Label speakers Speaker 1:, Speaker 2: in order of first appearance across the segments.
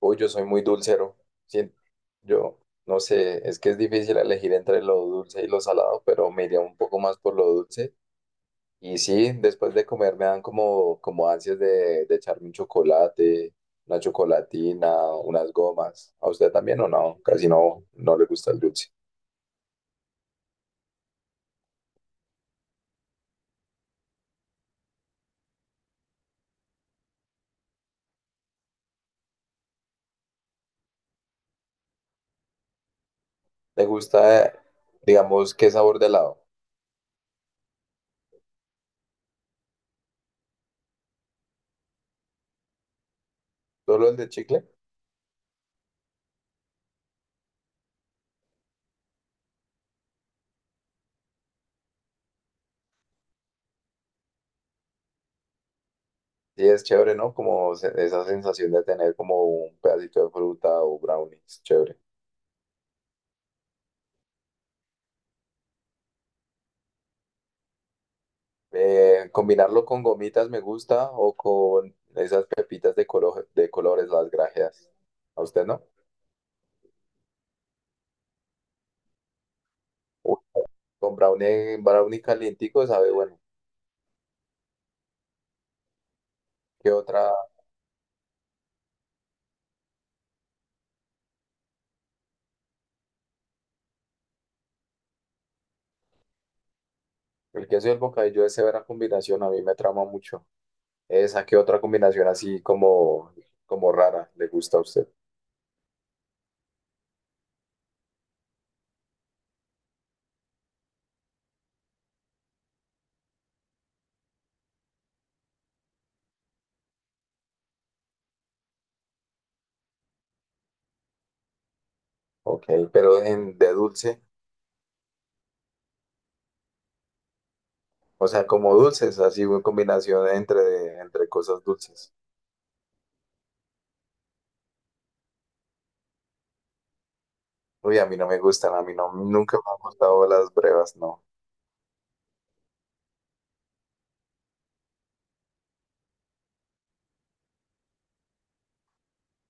Speaker 1: Uy, yo soy muy dulcero. Sien- yo no sé, es que es difícil elegir entre lo dulce y lo salado, pero me iría un poco más por lo dulce. Y sí, después de comer me dan como ansias de echarme un chocolate, una chocolatina, unas gomas. ¿A usted también o no? Casi no le gusta el dulce. ¿Le gusta, digamos, qué sabor de helado? ¿Solo el de chicle? Sí, es chévere, ¿no? Como esa sensación de tener como un pedacito de fruta o brownies, chévere. Combinarlo con gomitas me gusta o con esas pepitas de, de colores, las grajeas. ¿A usted no? Uy, con brownie, brownie calientico sabe bueno. ¿Qué otra? El queso y el bocadillo es severa combinación, a mí me trama mucho. Esa, ¿qué otra combinación así como, como rara le gusta a usted? Ok, pero en, de dulce, o sea, como dulces, así una combinación entre, entre cosas dulces. Uy, a mí no me gustan, a mí no, nunca me han gustado las brevas, no.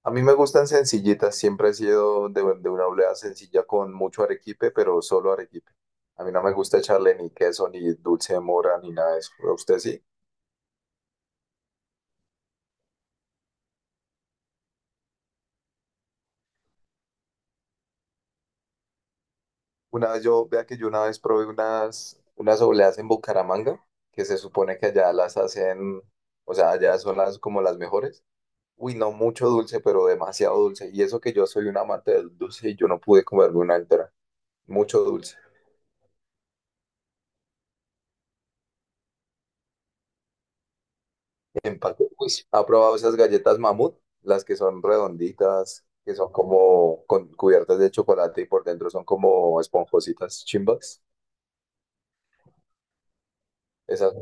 Speaker 1: A mí me gustan sencillitas, siempre he sido de una oleada sencilla con mucho arequipe, pero solo arequipe. A mí no me gusta echarle ni queso, ni dulce de mora, ni nada de eso. ¿A usted sí? Una vez yo, vea que yo una vez probé unas, unas obleas en Bucaramanga, que se supone que allá las hacen, o sea, allá son las como las mejores. Uy, no mucho dulce, pero demasiado dulce. Y eso que yo soy un amante del dulce y yo no pude comerme una entera. Mucho dulce. Empate, juicio. ¿Ha probado esas galletas mamut? Las que son redonditas, que son como con cubiertas de chocolate y por dentro son como esponjositas chimbas. Esas,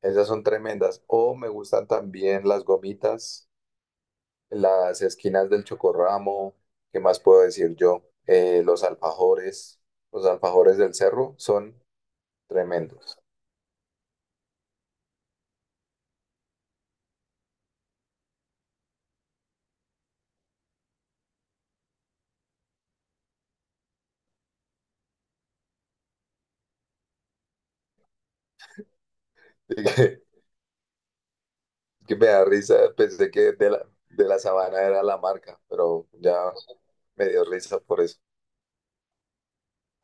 Speaker 1: esas son tremendas. O me gustan también las gomitas, las esquinas del chocorramo. ¿Qué más puedo decir yo? Los alfajores. Los alfajores del cerro son tremendos. Que, que me da risa. Pensé que de la sabana era la marca, pero ya me dio risa por eso.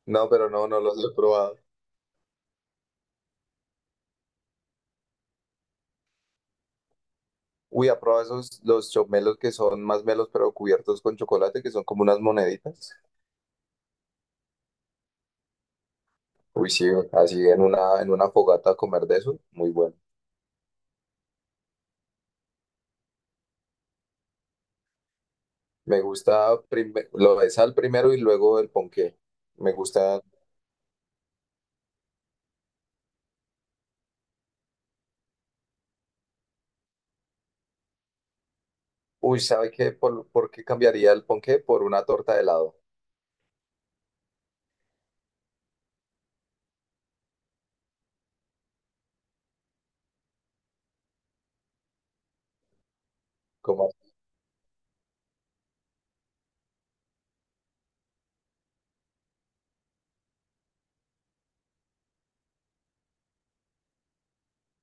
Speaker 1: No, pero no, no los he probado. Uy, ha probado esos, los chopmelos que son más melos, pero cubiertos con chocolate, que son como unas moneditas. Uy, sí, así en una fogata comer de eso, muy bueno. Me gusta lo de sal primero y luego el ponqué. Me gusta, uy, ¿sabe qué? Por qué cambiaría el ponqué? Por una torta de helado. Como,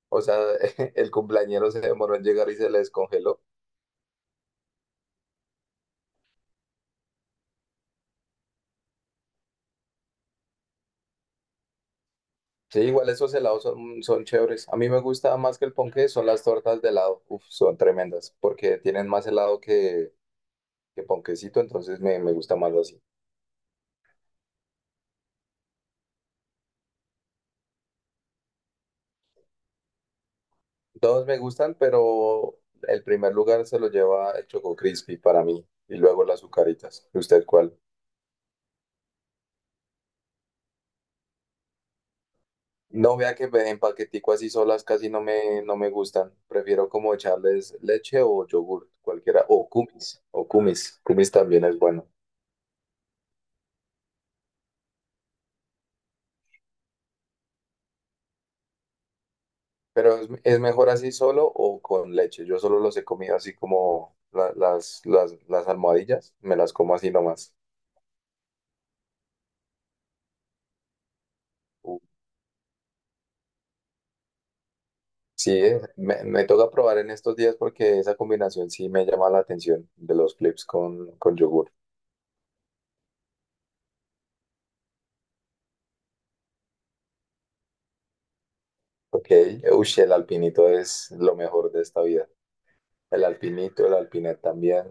Speaker 1: o sea, el cumpleañero se demoró en llegar y se le descongeló. Sí, igual esos helados son, son chéveres. A mí me gusta más que el ponqué, son las tortas de helado. Uf, son tremendas, porque tienen más helado que ponquecito, entonces me gusta más así. Todos me gustan, pero el primer lugar se lo lleva el Choco Crispy para mí, y luego las azucaritas. ¿Y usted cuál? No vea que en paquetico así solas casi no me, no me gustan. Prefiero como echarles leche o yogur, cualquiera, o kumis, o kumis. Kumis también es bueno. Pero es mejor así solo o con leche. Yo solo los he comido así como las almohadillas, me las como así nomás. Uh, Sí, me, me toca probar en estos días porque esa combinación sí me llama la atención de los clips con yogur. Ok, uy, el alpinito es lo mejor de esta vida. El alpinito, el alpinet también.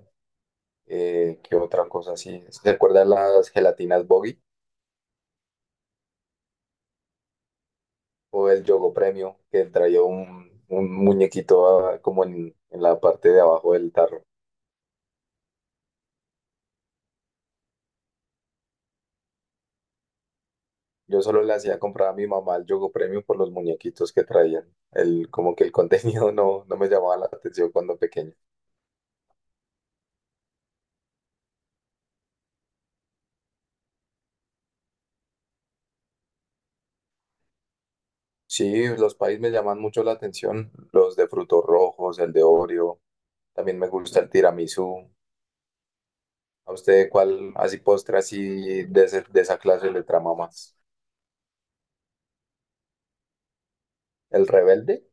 Speaker 1: ¿Qué otra cosa así? ¿Se acuerdan las gelatinas Boggy? O el Yogo Premio, que traía un muñequito ah, como en la parte de abajo del tarro. Yo solo le hacía comprar a mi mamá el Yogo Premio por los muñequitos que traían. El, como que el contenido no, no me llamaba la atención cuando pequeño. Sí, los país me llaman mucho la atención, los de frutos rojos, el de Oreo, también me gusta el tiramisú. ¿A usted cuál así postre así de, de esa clase le trama más? ¿El rebelde?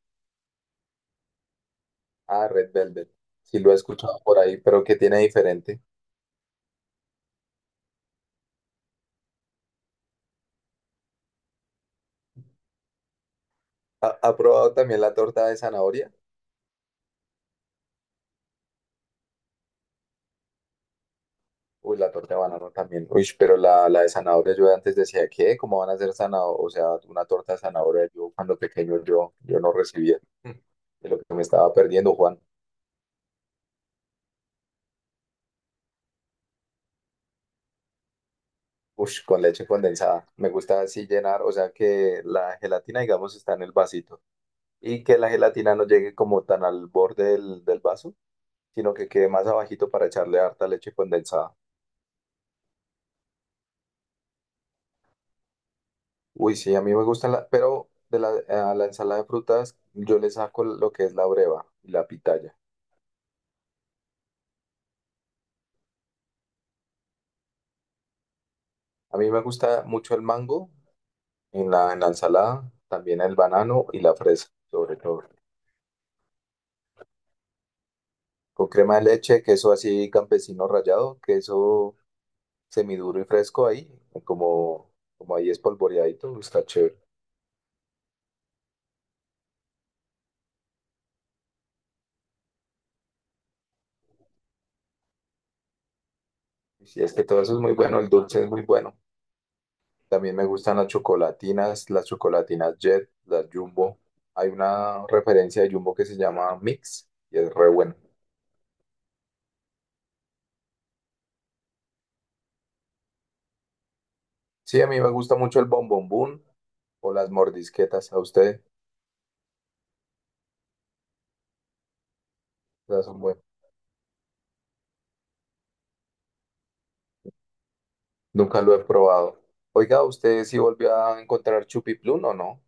Speaker 1: Ah, Red Velvet. Sí lo he escuchado por ahí, pero ¿qué tiene diferente? ¿Ha probado también la torta de zanahoria? Uy, la torta de banano también. Uy, pero la de zanahoria yo antes decía, ¿qué? ¿Cómo van a hacer zanahoria? O sea, una torta de zanahoria yo cuando pequeño yo, yo no recibía. Mm. De lo que me estaba perdiendo, Juan. Ush, con leche condensada. Me gusta así llenar, o sea que la gelatina, digamos, está en el vasito. Y que la gelatina no llegue como tan al borde del, del vaso, sino que quede más abajito para echarle harta leche condensada. Uy, sí, a mí me gusta la, pero de la, a la ensalada de frutas yo le saco lo que es la breva y la pitaya. A mí me gusta mucho el mango en la ensalada, también el banano y la fresa, sobre todo. Con crema de leche, queso así campesino rallado, queso semiduro y fresco ahí, como, como ahí espolvoreadito, está chévere. Y sí, es que todo eso es muy bueno, el dulce es muy bueno. También me gustan las chocolatinas Jet, las Jumbo. Hay una referencia de Jumbo que se llama Mix y es re bueno. Sí, a mí me gusta mucho el bombombón o las mordisquetas. A usted las son buenas. Nunca lo he probado. Oiga, ¿usted sí volvió a encontrar Chupiplum o no?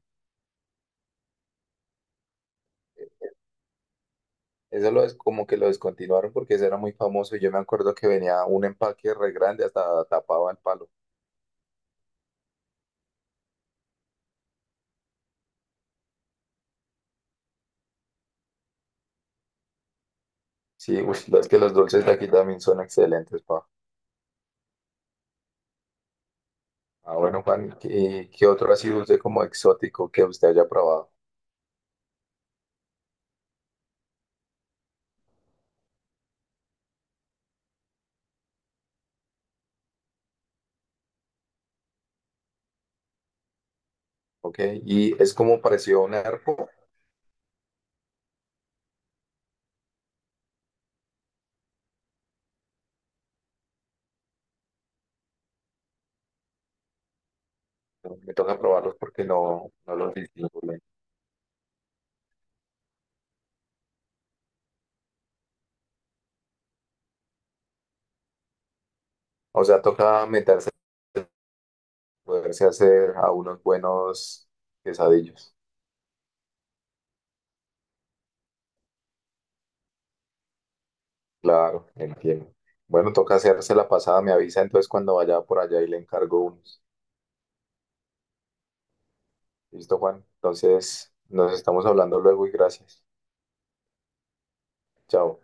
Speaker 1: Eso lo es como que lo descontinuaron porque ese era muy famoso y yo me acuerdo que venía un empaque re grande, hasta tapaba el palo. Sí, uy, no, es que los dulces de aquí también son excelentes, pa. Ah, bueno, Juan, ¿qué otro ha sido usted como exótico que usted haya probado? ¿Ok? Y es como parecido a un arco, me toca probarlos porque no, no los distingo bien. O sea, toca meterse, poderse hacer a unos buenos quesadillos. Claro, entiendo. Bueno, toca hacerse la pasada, me avisa entonces cuando vaya por allá y le encargo unos. ¿Listo, Juan? Entonces, nos estamos hablando luego y gracias. Chao.